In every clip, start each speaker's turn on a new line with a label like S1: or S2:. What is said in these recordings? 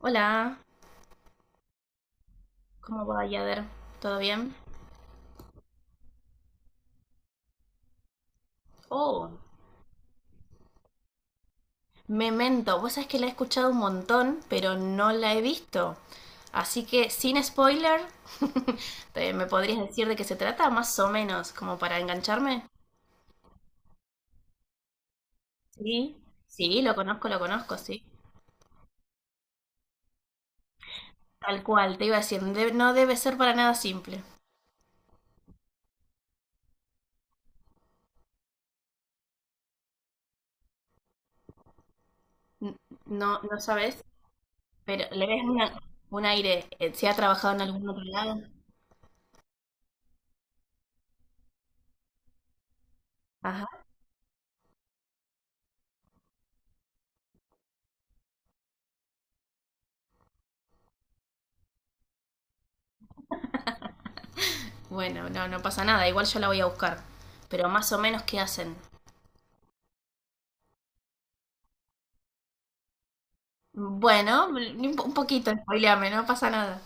S1: Hola, ¿cómo va Yader? ¿Todo bien? Oh, Memento. Vos sabés que la he escuchado un montón, pero no la he visto. Así que, sin spoiler, ¿me podrías decir de qué se trata? Más o menos, como para engancharme. Sí, sí, lo conozco, sí. Tal cual, te iba a decir, no debe ser para nada simple. N- No, no sabes, pero le ves un aire. ¿Se ha trabajado en algún otro lado? Ajá. Bueno, no, no pasa nada, igual yo la voy a buscar. Pero más o menos, ¿qué hacen? Bueno, un poquito, spoileame, no pasa nada.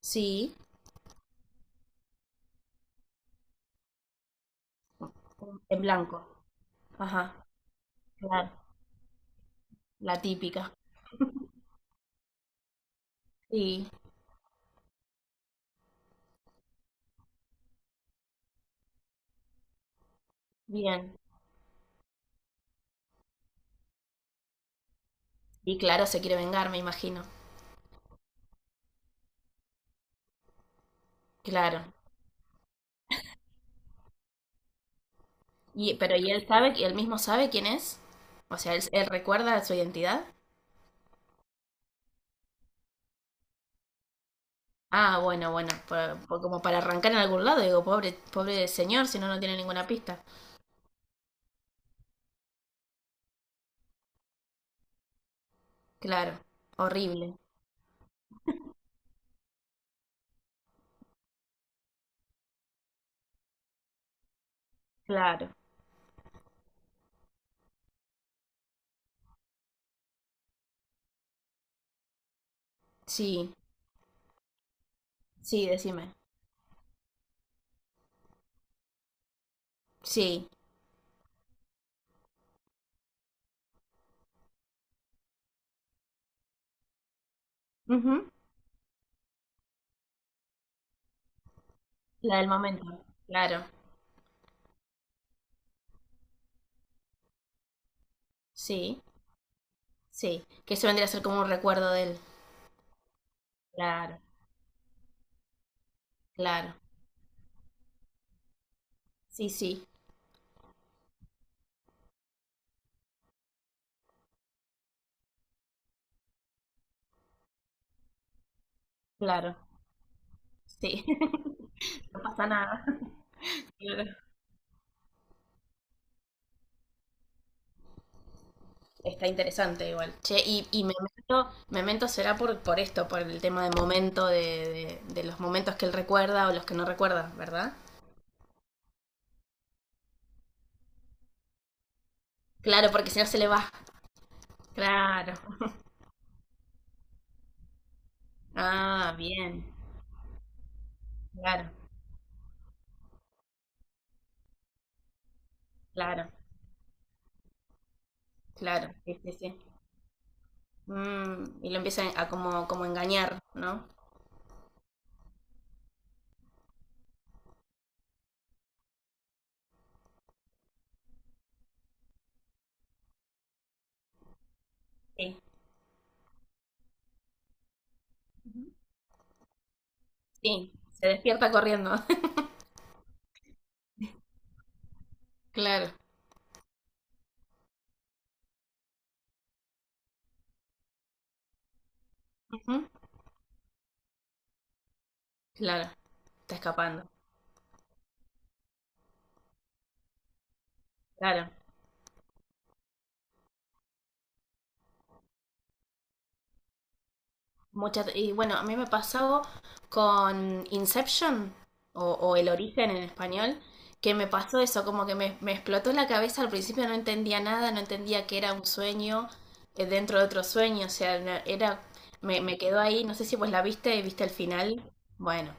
S1: Sí, en blanco. Ajá, claro, la típica. Sí, bien. Y claro, se quiere vengar, me imagino. Claro. Pero ¿y él sabe, y él mismo sabe quién es? O sea, ¿él recuerda su identidad? Ah, bueno, bueno, como para arrancar en algún lado, digo, pobre, pobre señor, si no, no tiene ninguna pista. Claro, horrible. Claro, sí. Sí, decime. Sí. Ujú. La del momento. Claro. Sí, sí. Que eso vendría a ser como un recuerdo de él. Claro, claro. Sí, sí, claro. Sí. No pasa nada. Claro. Está interesante igual. Che, y Memento, Memento será por esto, por el tema de momento, de los momentos que él recuerda o los que no recuerda, ¿verdad? Claro, porque si no se le va. Claro. Ah, bien. Claro, claro, claro. sí, sí, sí. Mm, y lo empieza a como engañar, ¿no? Sí. Sí, se despierta corriendo. Claro. Ujú, claro, está escapando. Claro. Mucha, y bueno, a mí me pasó con Inception, o El Origen en español, que me pasó eso, como que me explotó la cabeza al principio, no entendía nada, no entendía que era un sueño dentro de otro sueño, o sea, era, me quedó ahí, no sé si vos la viste, viste el final, bueno,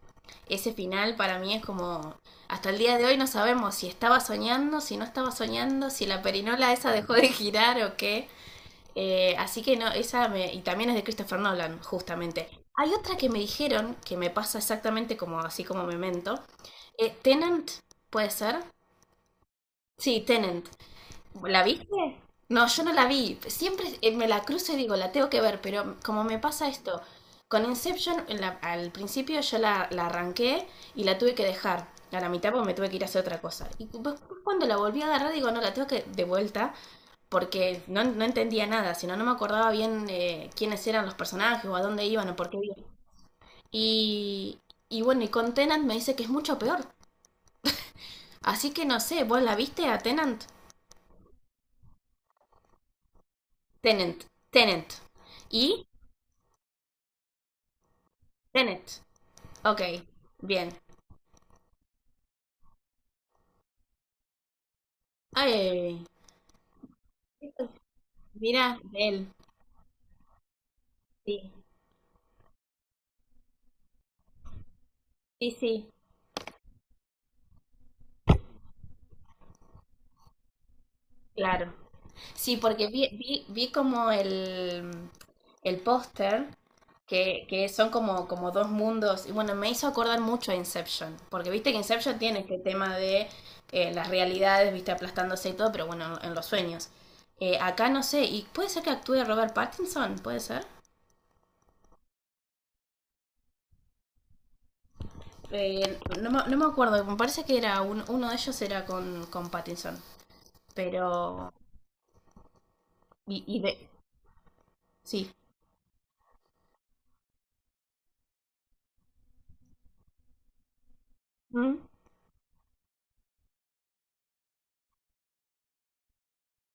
S1: ese final para mí es como, hasta el día de hoy no sabemos si estaba soñando, si no estaba soñando, si la perinola esa dejó de girar o qué, así que no, y también es de Christopher Nolan, justamente. Hay otra que me dijeron, que me pasa exactamente como así como Memento. Tenant, ¿puede ser? Sí, Tenant. ¿La viste? No, yo no la vi. Siempre me la cruzo y digo, la tengo que ver, pero como me pasa esto, con Inception al principio yo la arranqué y la tuve que dejar a la mitad porque me tuve que ir a hacer otra cosa. Y después cuando la volví a agarrar digo, no, la tengo que de vuelta porque no, no entendía nada, sino no me acordaba bien quiénes eran los personajes o a dónde iban o por qué iban. Y, y bueno, y con Tenant me dice que es mucho peor. Así que no sé, ¿vos la viste a Tenant? Tenant, Tenant. ¿Y? Tenant. Ok, bien. Ay, mira, él. Sí, sí, sí, claro. Sí, porque vi como el póster que son como dos mundos. Y bueno, me hizo acordar mucho a Inception, porque viste que Inception tiene este tema de las realidades, viste, aplastándose y todo, pero bueno, en los sueños. Acá no sé, y puede ser que actúe Robert Pattinson, puede ser. No, no me acuerdo, me parece que era uno de ellos era con Pattinson, pero... Y de... Sí. Mm,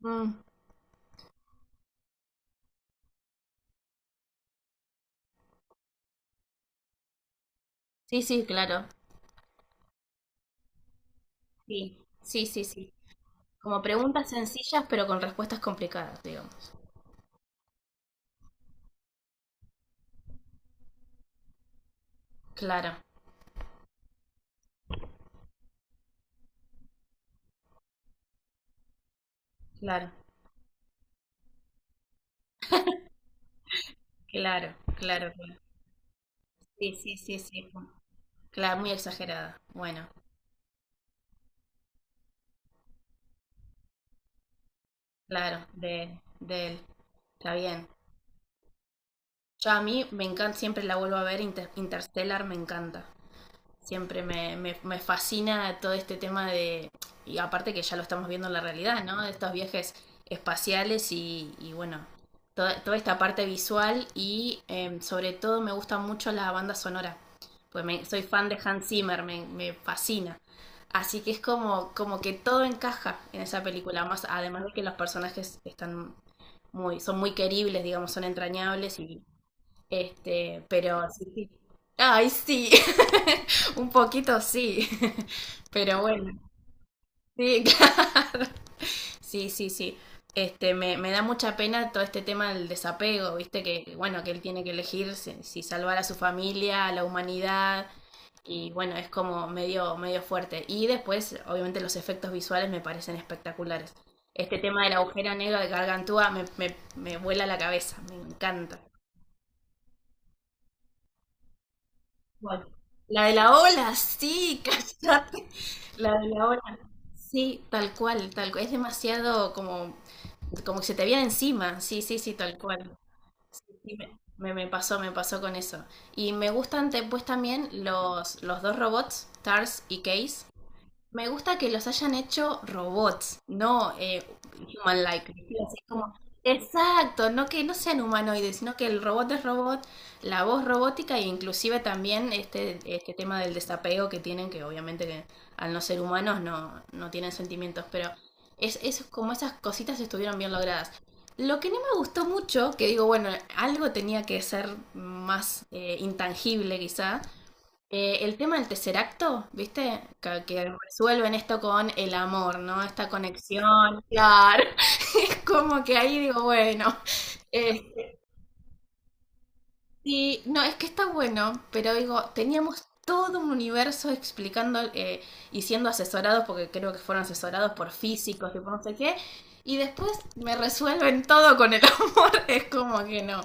S1: mm. Sí, sí, claro. Sí, sí, sí, sí. Como preguntas sencillas, pero con respuestas complicadas, digamos. Claro, claro. Claro, claro, claro. Sí, sí, sí, sí. Claro, muy exagerada. Bueno, claro, de él. Está bien. Yo a mí me encanta, siempre la vuelvo a ver, Interstellar me encanta. Siempre me fascina todo este tema de, y aparte que ya lo estamos viendo en la realidad, ¿no? De estos viajes espaciales y bueno, toda esta parte visual y sobre todo me gusta mucho la banda sonora, pues soy fan de Hans Zimmer, me fascina. Así que es como que todo encaja en esa película, más además de que los personajes están son muy queribles, digamos, son entrañables y pero sí, sí. Ay, sí, un poquito sí, pero bueno, sí, claro. Sí, sí, sí. Me da mucha pena todo este tema del desapego, viste, que bueno, que él tiene que elegir si salvar a su familia, a la humanidad, y bueno, es como medio, medio fuerte. Y después, obviamente, los efectos visuales me parecen espectaculares. Este tema de la agujera negra de Gargantúa me vuela la cabeza, me encanta. Voy. La de la ola, sí, cállate. La de la ola. Sí, tal cual, tal cual. Es demasiado como que se te viene encima. Sí, sí, sí, tal cual. Sí, me pasó, me pasó con eso. Y me gustan después también los dos robots, Tars y Case. Me gusta que los hayan hecho robots, no human-like. ¿Viste? Así como- Exacto, no que no sean humanoides, sino que el robot es robot, la voz robótica e inclusive también este tema del desapego que tienen, que obviamente que al no ser humanos no tienen sentimientos, pero es como esas cositas estuvieron bien logradas. Lo que no me gustó mucho, que digo, bueno, algo tenía que ser más intangible quizá, el tema del tercer acto, ¿viste? Que resuelven esto con el amor, ¿no? Esta conexión, claro. Es como que ahí digo, bueno, Sí, no, es que está bueno, pero digo, teníamos todo un universo explicando y siendo asesorados, porque creo que fueron asesorados por físicos y por no sé qué, y después me resuelven todo con el amor, es como que no.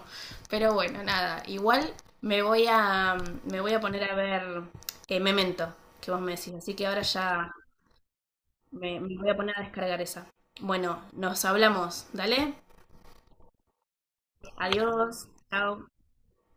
S1: Pero bueno, nada, igual me voy a, poner a ver Memento, que vos me decís, así que ahora ya me voy a poner a descargar esa. Bueno, nos hablamos, dale, adiós, chao.